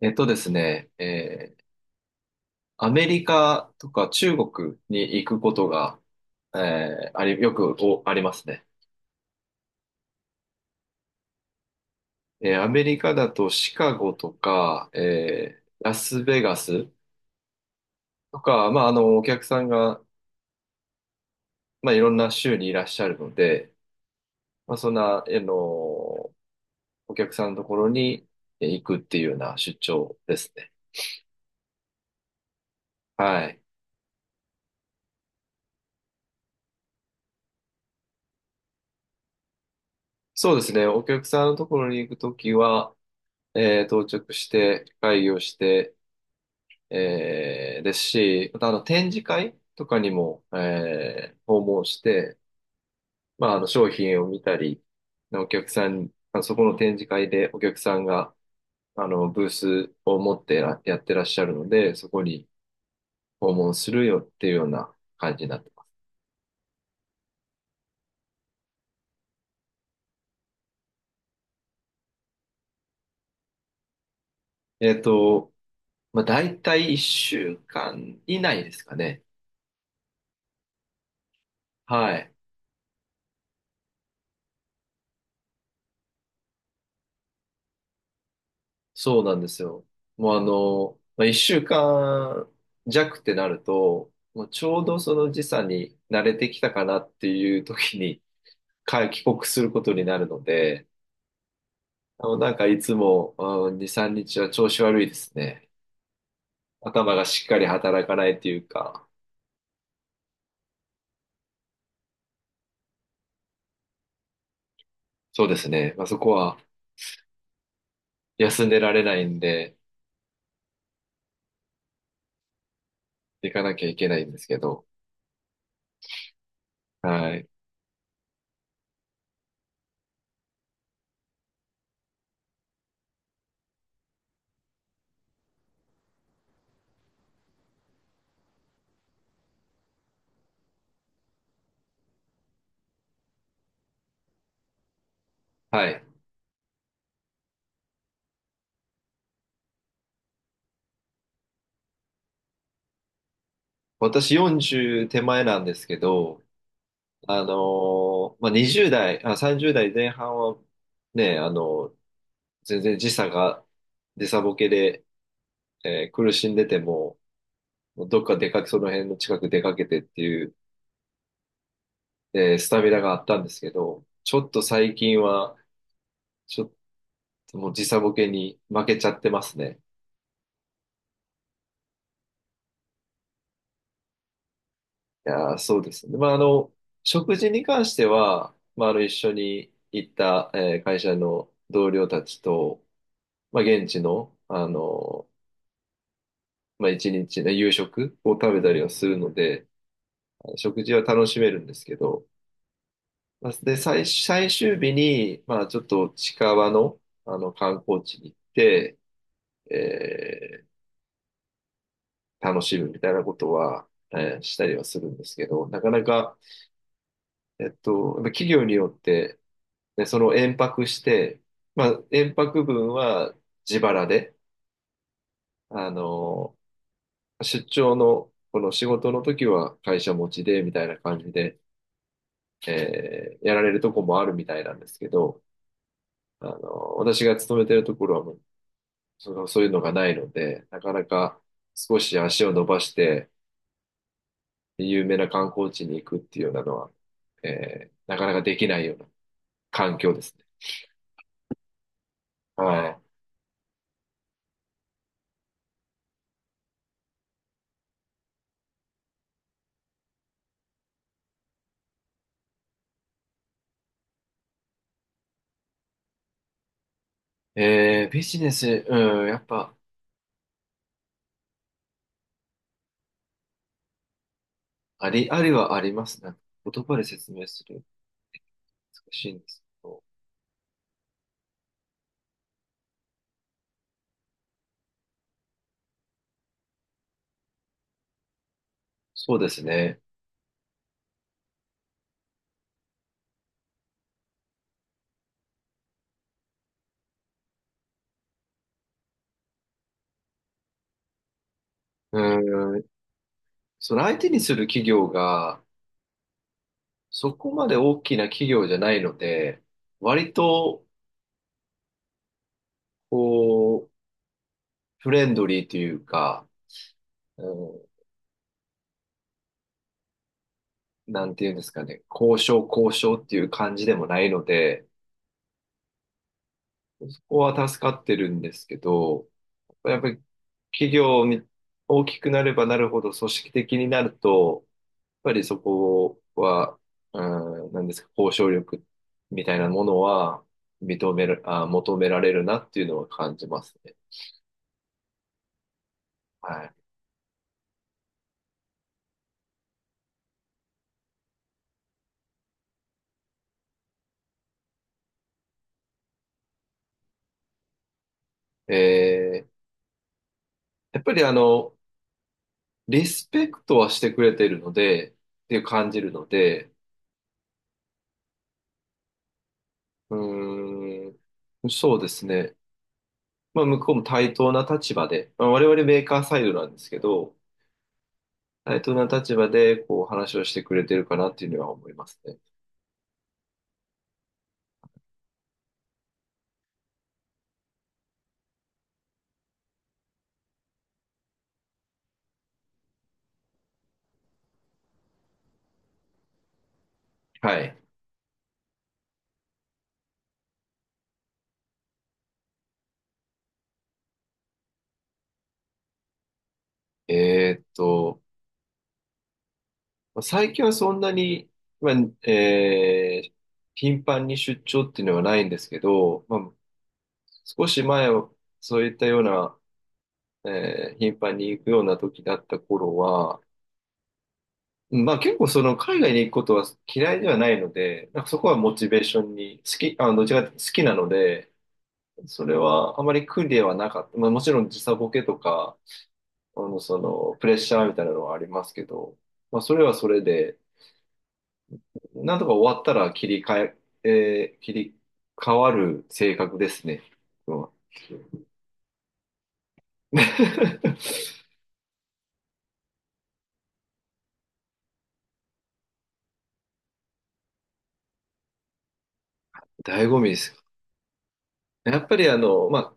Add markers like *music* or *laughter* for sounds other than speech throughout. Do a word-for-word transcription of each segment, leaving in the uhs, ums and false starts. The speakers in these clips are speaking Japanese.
えっとですね、えーアメリカとか中国に行くことが、えーあり、よくおありますね。えーアメリカだとシカゴとか、えーラスベガスとか、まあ、あの、お客さんが、まあ、いろんな州にいらっしゃるので、まあ、そんな、あの、お客さんのところにえー行くっていうような出張ですね。はい。そうですね。お客さんのところに行くときは、えー到着して、会議をして、えーですし、またあの展示会とかにも、えー訪問して、まあ、あの商品を見たり、お客さん、まあそこの展示会でお客さんがあのブースを持ってらやってらっしゃるので、そこに訪問するよっていうような感じになってます。えっと、まあ、大体いっしゅうかん以内ですかね。はい。そうなんですよ。もうあの、まあ、一週間弱ってなると、もうちょうどその時差に慣れてきたかなっていう時に *laughs* 帰帰国することになるので、あのなんかいつも、うん、に、さんにちは調子悪いですね。頭がしっかり働かないっていうか、そうですね。まあ、そこは休んでられないんで、行かなきゃいけないんですけど、はい。はい。私よんじゅう手前なんですけど、あのまあ、にじゅう代、あ、さんじゅう代前半はね、あの全然時差が、時差ボケで、えー苦しんでても、もうどっか出かけ、その辺の近く出かけてっていう、えースタミナがあったんですけど、ちょっと最近は、ちょっともう時差ボケに負けちゃってますね。いやー、そうですね。まあ、あの、食事に関しては、まあ、あの、一緒に行った、えー会社の同僚たちと、まあ、現地の、あの、まあ、一日の夕食を食べたりはするので、あの食事は楽しめるんですけど、まあで、最、最終日に、まあ、ちょっと近場の、あの観光地に行って、えー楽しむみたいなことは、えーしたりはするんですけど、なかなか、えっと、やっぱ企業によって、で、その延泊して、まあ、延泊分は自腹で、あの、出張の、この仕事の時は会社持ちで、みたいな感じで、えーやられるとこもあるみたいなんですけど、あの、私が勤めてるところはもう、その、そういうのがないので、なかなか少し足を伸ばして、有名な観光地に行くっていうようなのは、えーなかなかできないような環境ですね。はい。えービジネス、うん、やっぱ、あり、ありはありますね。言葉で説明する。難しいんですけど。そうですね。うん。その相手にする企業が、そこまで大きな企業じゃないので、割と、こう、フレンドリーというか、うん、なんていうんですかね、交渉交渉っていう感じでもないので、そこは助かってるんですけど、やっぱり企業に大きくなればなるほど組織的になると、やっぱりそこは、うん、なんですか、交渉力みたいなものは認める、あ、求められるなっていうのは感じますね。はい。えーやっぱりあの、リスペクトはしてくれてるので、っていう感じるので、うーん、そうですね。まあ、向こうも対等な立場で、まあ、我々メーカーサイドなんですけど、対等な立場で、こう、話をしてくれてるかなっていうのは思いますね。はい。えーっと、まあ最近はそんなに、まあ、えー頻繁に出張っていうのはないんですけど、まあ、少し前は、そういったようなえー頻繁に行くような時だった頃は、まあ結構その海外に行くことは嫌いではないので、なんかそこはモチベーションに、好き、あの、どちらかというと好きなので、それはあまり苦ではなかった。まあもちろん時差ボケとか、あの、その、プレッシャーみたいなのはありますけど、まあそれはそれで、なんとか終わったら切り替え、えー切り替わる性格ですね。うん *laughs* 醍醐味です。やっぱりあの、まあ、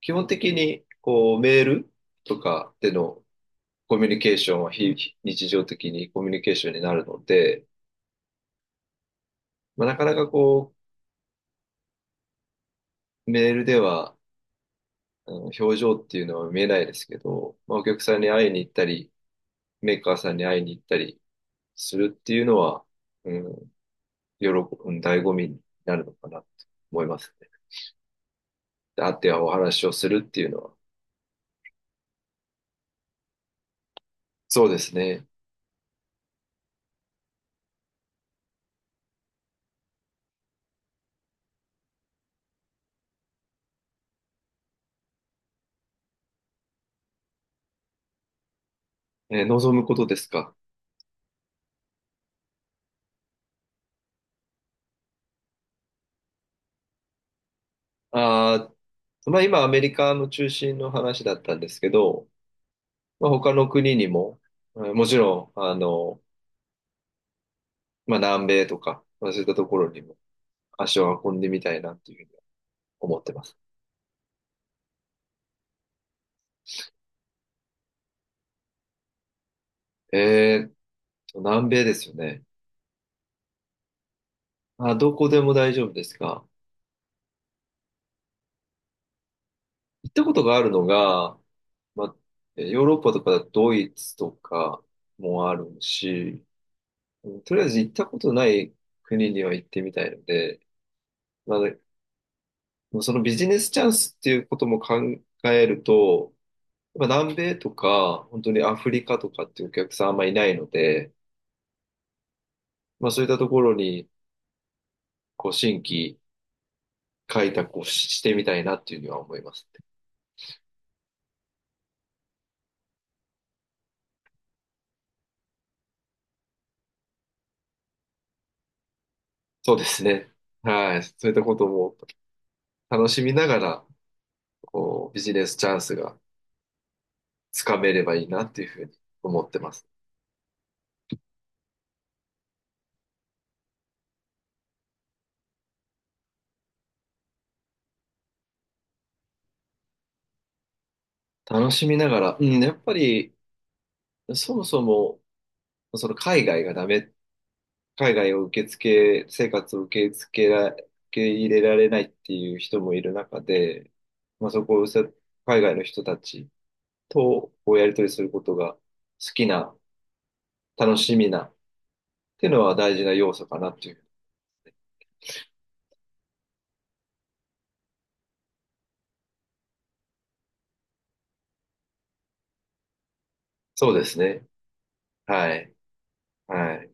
基本的にこうメールとかでのコミュニケーションは非日常的にコミュニケーションになるので、まあ、なかなかこうメールではあの表情っていうのは見えないですけど、まあ、お客さんに会いに行ったり、メーカーさんに会いに行ったりするっていうのは、うん、喜ぶ、醍醐味になるのかなと思いますね。で会ってお話をするっていうのは、そうですね。えー望むことですか。あーまあ今アメリカの中心の話だったんですけど、まあ、他の国にも、えーもちろん、あの、まあ、南米とか、まあ、そういったところにも足を運んでみたいなっていうふうに思ってます。えーっと、南米ですよね。あ、どこでも大丈夫ですか？行ったことがあるのが、まあ、えーヨーロッパとかドイツとかもあるし、うんとりあえず行ったことない国には行ってみたいので、まあ、そのビジネスチャンスっていうことも考えると、まあ、南米とか、本当にアフリカとかっていうお客さんあんまいないので、まあそういったところに、こう、新規開拓をし、してみたいなっていうには思いますね。そうですね。はい。そういったことも楽しみながら、こう、ビジネスチャンスがつかめればいいなっていうふうに思ってます。楽しみながら、うん、やっぱり、そもそも、その海外がダメっ海外を受け付け、生活を受け付けら、受け入れられないっていう人もいる中で、まあ、そこをさ海外の人たちとこうやり取りすることが好きな、楽しみなっていうのは大事な要素かなっていう。そうですね。はい。はい。